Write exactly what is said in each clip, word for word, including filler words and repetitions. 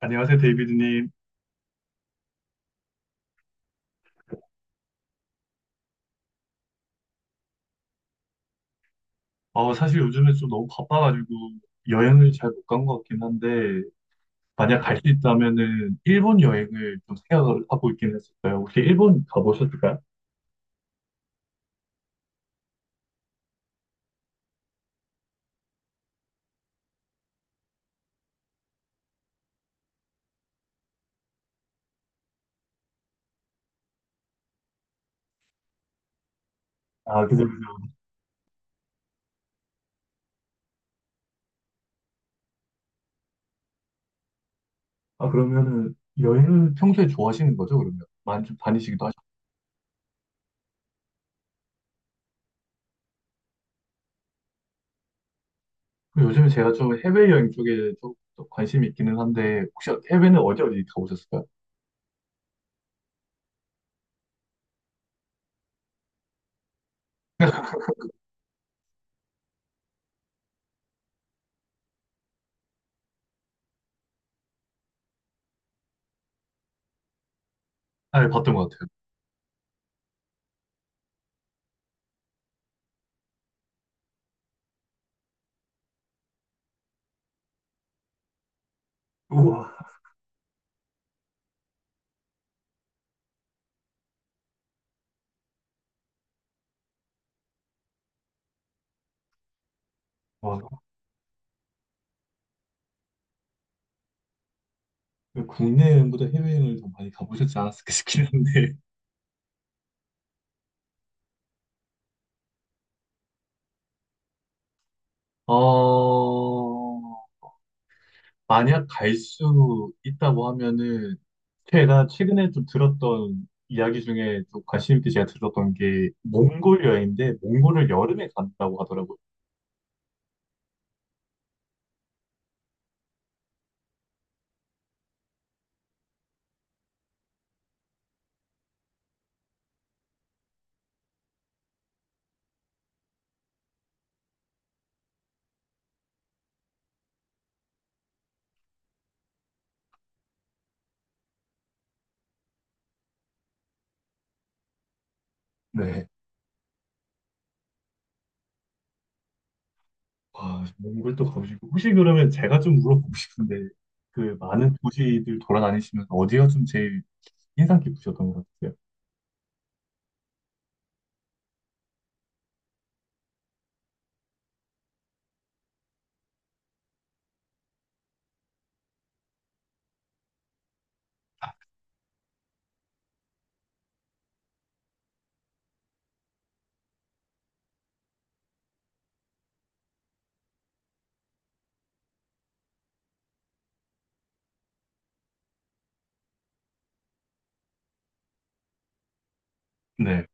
안녕하세요, 데이비드님. 어, 사실 요즘에 좀 너무 바빠가지고 여행을 잘 못 간 것 같긴 한데, 만약 갈 수 있다면은 일본 여행을 좀 생각을 하고 있긴 했었어요. 혹시 일본 가보셨을까요? 아, 그죠, 그죠. 아, 그러면은 여행을 평소에 좋아하시는 거죠, 그러면? 많이 좀 다니시기도 하시고. 그리고 요즘에 제가 좀 해외여행 쪽에 좀더 관심이 있기는 한데, 혹시 해외는 어디 어디 가보셨을까요? 아, 예, 봤던 것 같아요. 우와. 와, 국내 여행보다 해외여행을 더 많이 가보셨지 않았을까 싶긴 한데. 어, 만약 갈 수 있다고 하면은 제가 최근에 좀 들었던 이야기 중에 좀 관심 있게 제가 들었던 게 몽골 여행인데 몽골을 여름에 간다고 하더라고요. 네. 와, 몽골도 가고 싶고 혹시 그러면 제가 좀 물어보고 싶은데 그 많은 도시들 돌아다니시면서 어디가 좀 제일 인상 깊으셨던 것 같아요? 네.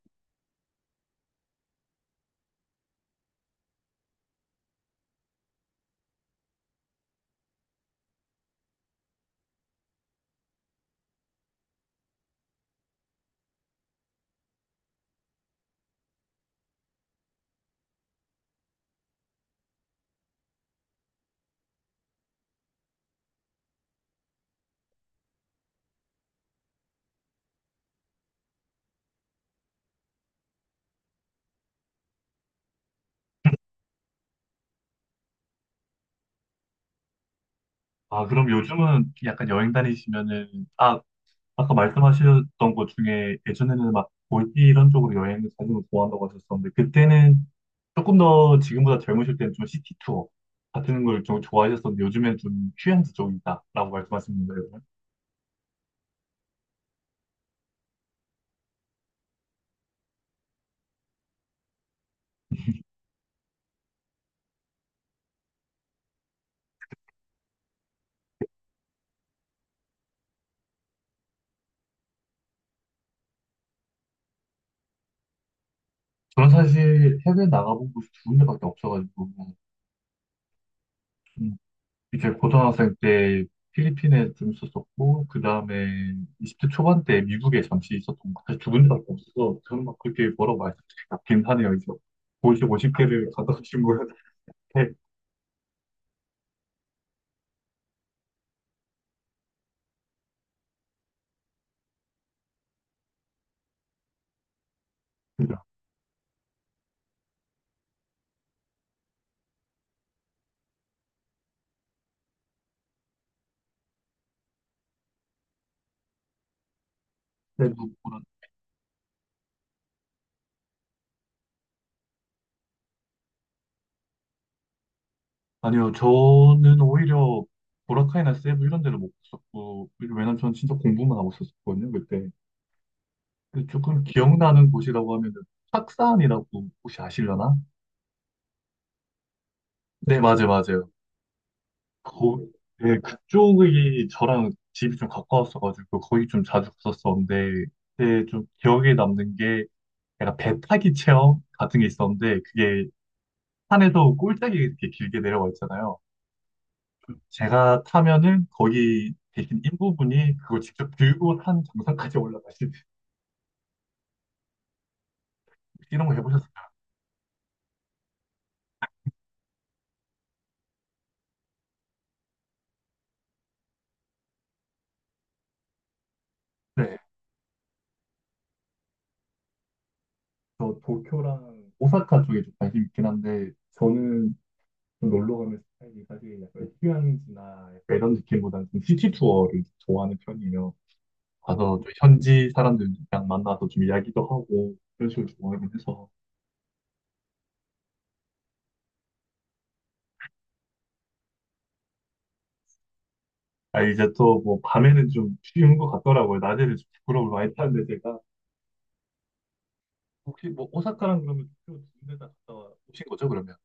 아, 그럼 요즘은 약간 여행 다니시면은, 아, 아까 말씀하셨던 것 중에 예전에는 막 몰디 이런 쪽으로 여행을 다니는 걸 좋아한다고 하셨었는데 그때는 조금 더 지금보다 젊으실 때는 좀 시티 투어 같은 걸 좀 좋아하셨었는데 요즘엔 좀 휴양지 쪽이다라고 말씀하시는 거예요. 저는 사실 해외 나가본 곳이 두 군데밖에 없어가지고 음, 이제 고등학생 때 필리핀에 좀 있었었고 그 다음에 이십 대 초반 때 미국에 잠시 있었던 것 사실 두 군데밖에 없어서 저는 막 그렇게 뭐라고 말씀드리긴 하네요. 이제 오십, 오십 개를 가다 오신 거예요. 네. 뭐, 뭐라- 아니요, 저는 오히려 보라카이나 세부 이런 데를 못 갔었고, 왜냐면 저는 진짜 공부만 하고 있었거든요, 그때. 근데 조금 기억나는 곳이라고 하면은, 학산이라고 혹시 아시려나? 네, 맞아요, 맞아요. 거, 네, 그쪽이 저랑 집이 좀 가까웠어가지고, 거기 좀 자주 갔었었는데, 그때 좀 기억에 남는 게, 약간 배 타기 체험 같은 게 있었는데, 그게 산에서 꼴짝이 이렇게 길게 내려와 있잖아요. 제가 타면은 거기 계신 인부분이 그걸 직접 들고 산 정상까지 올라가시는 이런 거 해보셨어요? 네, 저 도쿄랑 오사카 쪽에 좀 관심 있긴 한데 저는 좀 놀러 가는 스타일이 사실 약간 휴양지나 약간 이런 느낌보다는 좀 시티 투어를 좋아하는 편이에요. 가서 좀 현지 사람들이랑 만나서 좀 이야기도 하고 이런 식으로 좋아하긴 해서 아 이제 또 뭐 밤에는 좀 쉬운 것 같더라고요. 낮에는 좀 부끄러움을 많이 타는데 제가 혹시 뭐 오사카랑 그러면 도쿄 두군데 다 갔다 와- 오신 거죠, 그러면?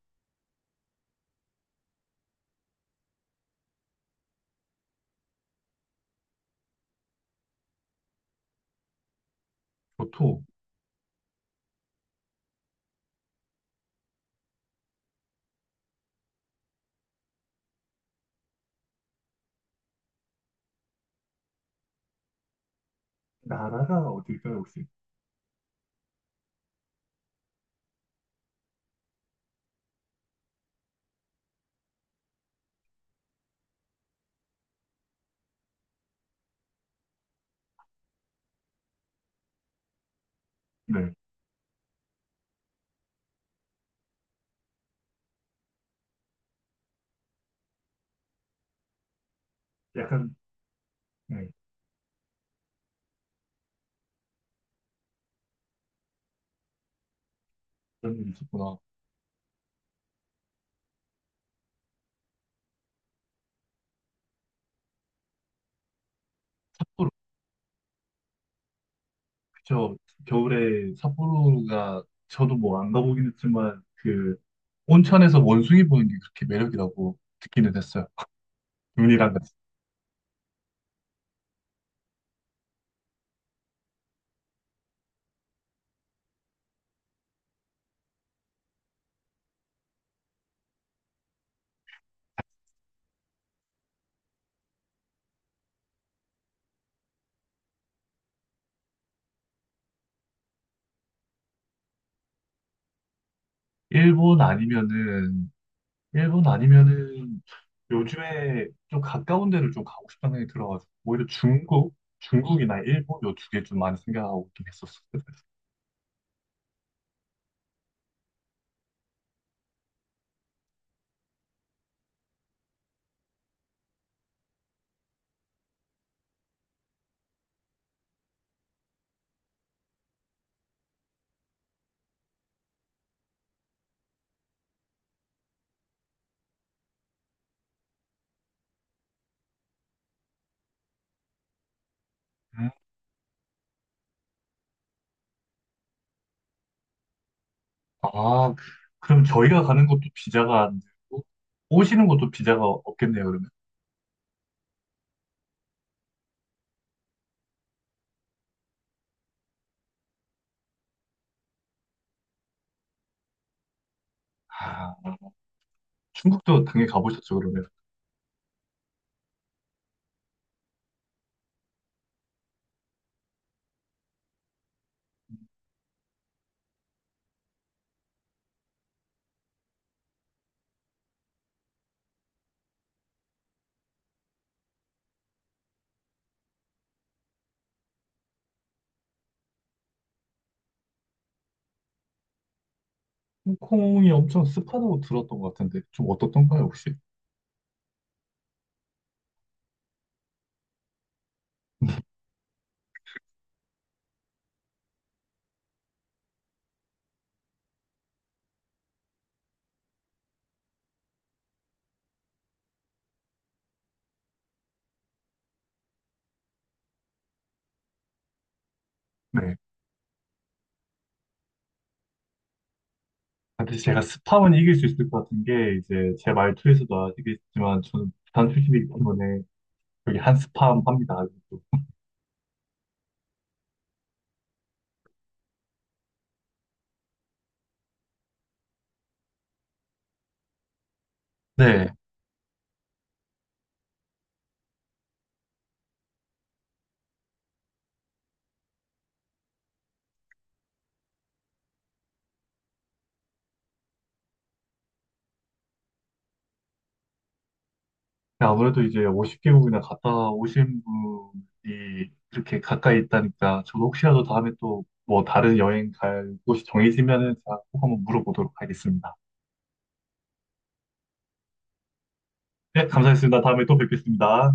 교토. 나라가 어딜까요, 혹시? 네. 약간, 네, 그런 일이 있었구나. 삿포로. 그쵸. 겨울에 삿포로가 저도 뭐 안 가보긴 했지만 그 온천에서 원숭이 보는 게 그렇게 매력이라고 듣기는 했어요. 눈이랑 같이. 일본 아니면은 일본 아니면은 요즘에 좀 가까운 데를 좀 가고 싶다는 생각이 들어가지고 오히려 중국 중국이나 일본 요 두 개 좀 많이 생각하고 있긴 했었어요. 아, 그럼 저희가 가는 것도 비자가 안 되고, 오시는 것도 비자가 없겠네요, 그러면. 아, 중국도 당연히 가보셨죠, 그러면. 홍콩이 엄청 습하다고 들었던 것 같은데, 좀 어떻던가요, 혹시? 네. 근데 제가 습함은 이길 수 있을 것 같은 게, 이제 제 말투에서도 아시겠지만, 저는 부산 출신이기 때문에, 여기 한스팜 합니다. 아직도. 네. 아무래도 이제 오십 개국이나 갔다 오신 분이 이렇게 가까이 있다니까 저도 혹시라도 다음에 또 뭐 다른 여행 갈 곳이 정해지면은 제가 꼭 한번 물어보도록 하겠습니다. 네, 감사했습니다. 다음에 또 뵙겠습니다.